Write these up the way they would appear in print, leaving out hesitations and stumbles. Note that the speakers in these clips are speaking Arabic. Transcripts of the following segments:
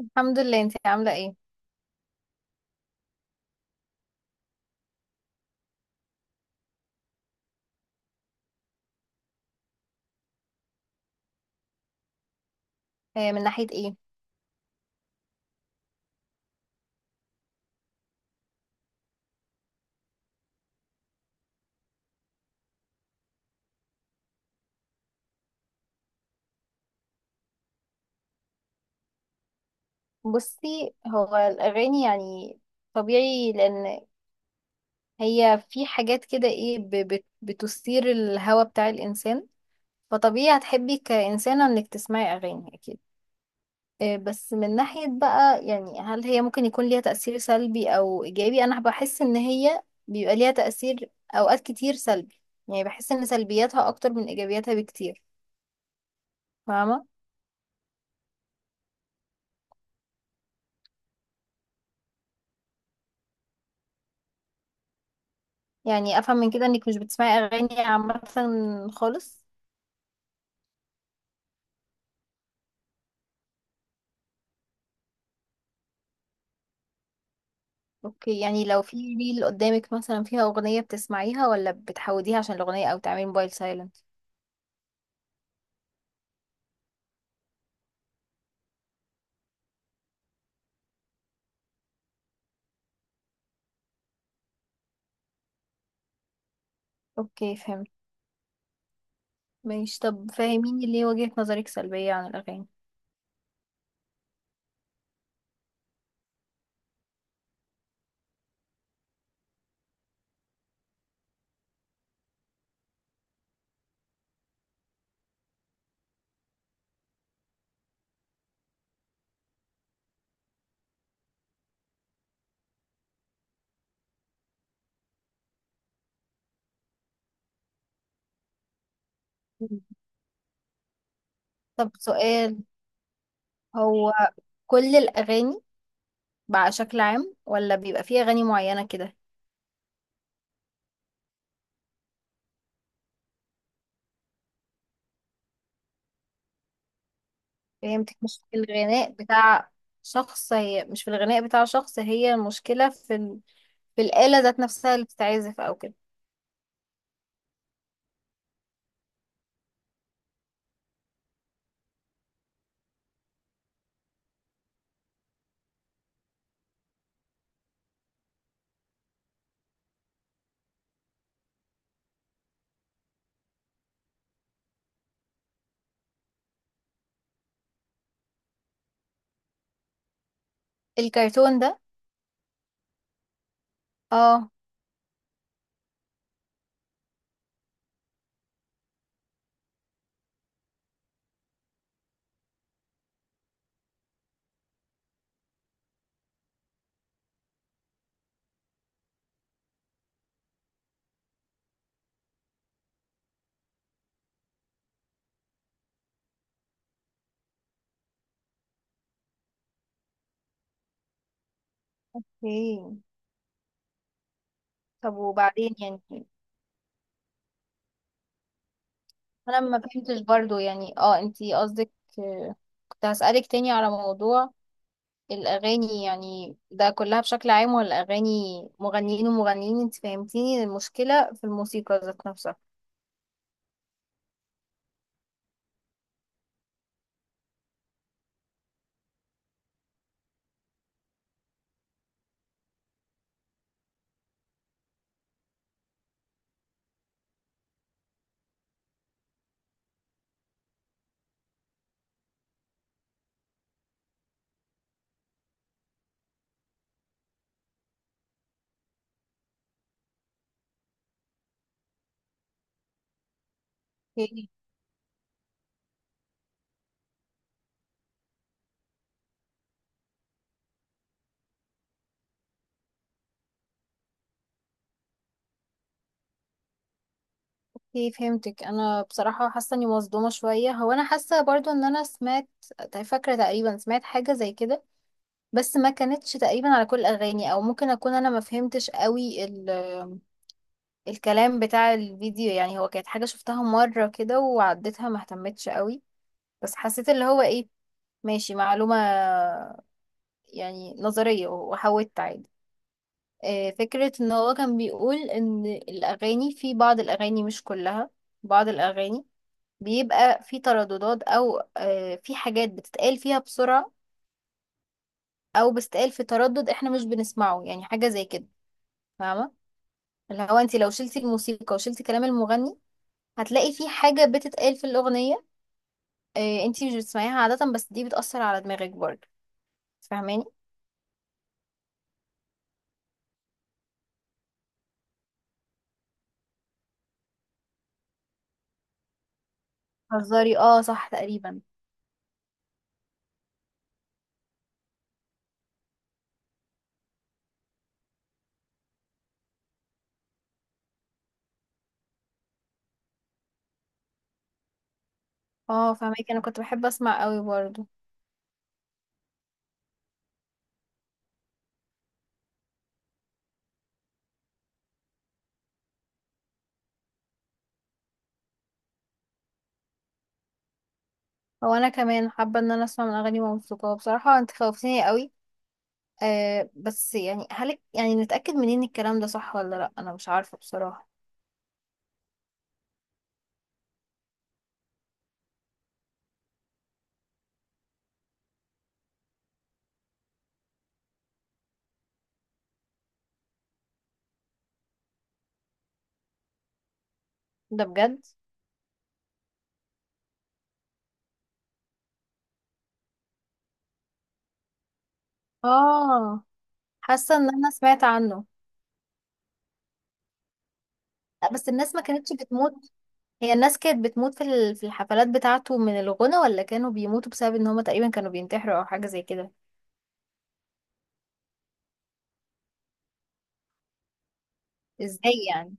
الحمد لله، انت عاملة ايه؟ آه، من ناحية ايه؟ بصي هو الأغاني يعني طبيعي لأن هي في حاجات كده ايه بتثير الهوى بتاع الإنسان. فطبيعي هتحبي كإنسانة انك تسمعي أغاني أكيد. بس من ناحية بقى يعني هل هي ممكن يكون ليها تأثير سلبي أو إيجابي؟ أنا بحس إن هي بيبقى ليها تأثير أوقات كتير سلبي. يعني بحس إن سلبياتها أكتر من إيجابياتها بكتير. فاهمة؟ يعني افهم من كده انك مش بتسمعي اغاني عامه خالص. اوكي، يعني لو في ريل قدامك مثلا فيها اغنيه بتسمعيها ولا بتحوديها عشان الاغنيه او تعملي موبايل سايلنت؟ اوكي، فهمت. ماشي، طب فاهميني ليه وجهه نظرك سلبيه عن الاغاني؟ مم. طب سؤال: هو كل الاغاني بقى شكل عام ولا بيبقى في اغاني معينه كده؟ فهمتك، مش في الغناء بتاع شخص، هي مش في الغناء بتاع شخص، هي المشكله في في الاله ذات نفسها اللي بتتعزف او كده. الكرتون ده. اه. اوكي. طب وبعدين يعني؟ انا ما فهمتش برضو، يعني اه انتي قصدك، آه، كنت هسألك تاني على موضوع الاغاني، يعني ده كلها بشكل عام ولا اغاني مغنيين ومغنيين؟ انت فهمتيني المشكلة في الموسيقى ذات نفسها. اوكي. اوكي، فهمتك. انا بصراحة حاسة اني مصدومة شوية، هو انا حاسة برضو ان انا سمعت، طيب فاكرة تقريبا سمعت حاجة زي كده بس ما كانتش تقريبا على كل الاغاني، او ممكن اكون انا ما فهمتش قوي الكلام بتاع الفيديو. يعني هو كانت حاجة شفتها مرة كده وعديتها، ما اهتمتش قوي، بس حسيت اللي هو ايه، ماشي معلومة يعني نظرية، وحاولت عادي. فكرة ان هو كان بيقول ان الاغاني، في بعض الاغاني مش كلها، بعض الاغاني بيبقى في ترددات او في حاجات بتتقال فيها بسرعة، او بتتقال في تردد احنا مش بنسمعه، يعني حاجة زي كده. فاهمة؟ اللي هو انت لو شلتي الموسيقى وشلتي كلام المغني، هتلاقي في حاجة بتتقال في الأغنية إيه انتي مش بتسمعيها عادة، بس دي بتأثر على دماغك برضه. فاهماني؟ هزاري، اه صح تقريبا. اه فاهمك. انا كنت بحب اسمع قوي برضه. هو انا كمان حابة ان انا اسمع من اغاني موسيقى بصراحة، انت خوفتيني قوي. آه بس يعني هل يعني نتأكد منين الكلام ده صح ولا لا؟ انا مش عارفة بصراحة. ده بجد؟ اه. حاسة ان انا سمعت عنه. لا بس الناس ما كانتش بتموت. هي الناس كانت بتموت في في الحفلات بتاعته من الغنى، ولا كانوا بيموتوا بسبب ان هما تقريبا كانوا بينتحروا او حاجة زي كده؟ ازاي يعني؟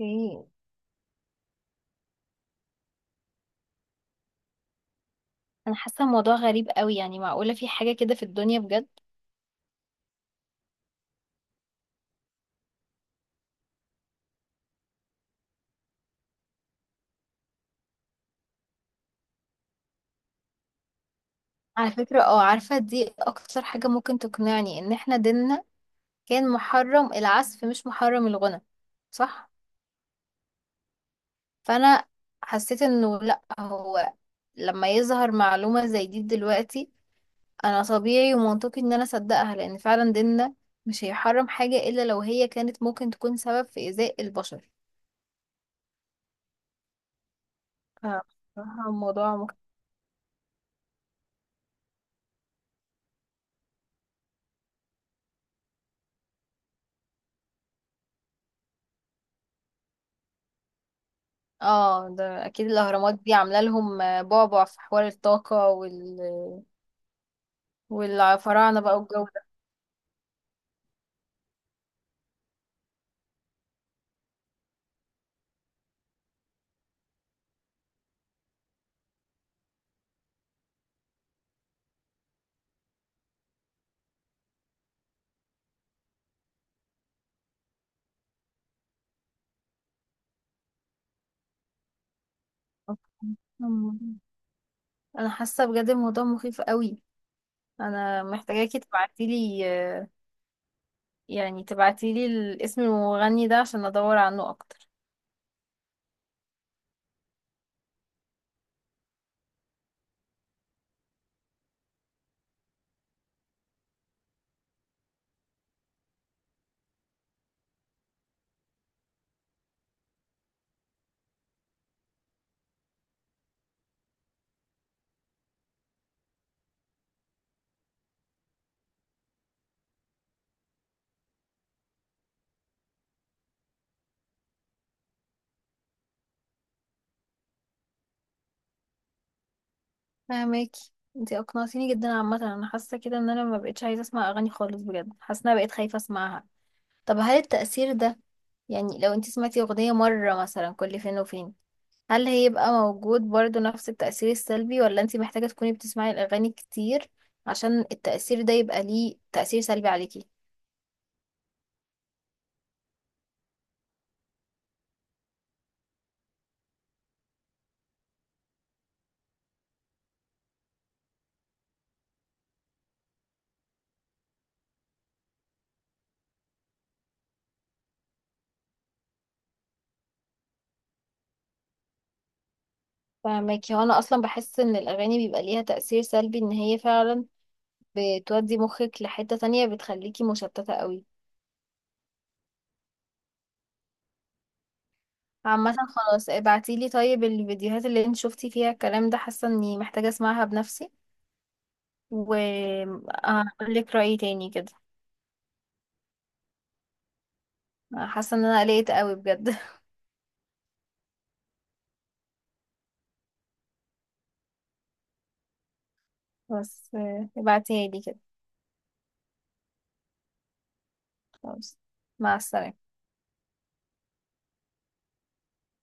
اوكي. انا حاسه الموضوع غريب قوي، يعني معقوله في حاجه كده في الدنيا بجد؟ على فكره اه، عارفه دي اكتر حاجه ممكن تقنعني، ان احنا ديننا كان محرم العزف مش محرم الغنى، صح؟ فانا حسيت انه لا، هو لما يظهر معلومه زي دي دلوقتي، انا طبيعي ومنطقي ان انا اصدقها، لان فعلا ديننا مش هيحرم حاجه الا لو هي كانت ممكن تكون سبب في ايذاء البشر. ف- بصراحة الموضوع. اه ده اكيد الاهرامات دي عامله لهم بعبع في حوار الطاقه والفراعنه بقى والجو ده. أمم. انا حاسه بجد الموضوع مخيف قوي. انا محتاجاكي تبعتيلي، يعني تبعتيلي الاسم المغني ده عشان ادور عنه اكتر. فهماكي، انتي اقنعتيني جدا. عامه انا حاسه كده ان انا ما بقتش عايزه اسمع اغاني خالص بجد، حاسه ان انا بقيت خايفه اسمعها. طب هل التأثير ده، يعني لو انتي سمعتي اغنيه مره مثلا كل فين وفين، هل هيبقى موجود برضو نفس التأثير السلبي، ولا انتي محتاجة تكوني بتسمعي الأغاني كتير عشان التأثير ده يبقى ليه تأثير سلبي عليكي؟ فاهماكي. هو أنا أصلا بحس إن الأغاني بيبقى ليها تأثير سلبي، إن هي فعلا بتودي مخك لحتة تانية، بتخليكي مشتتة قوي. عامة خلاص، ابعتيلي طيب الفيديوهات اللي انت شفتي فيها الكلام ده، حاسة إني محتاجة أسمعها بنفسي وهقولك رأيي تاني كده. حاسة إن أنا قلقت قوي بجد. بس ابعتيها لي كده. خلاص، مع السلامة.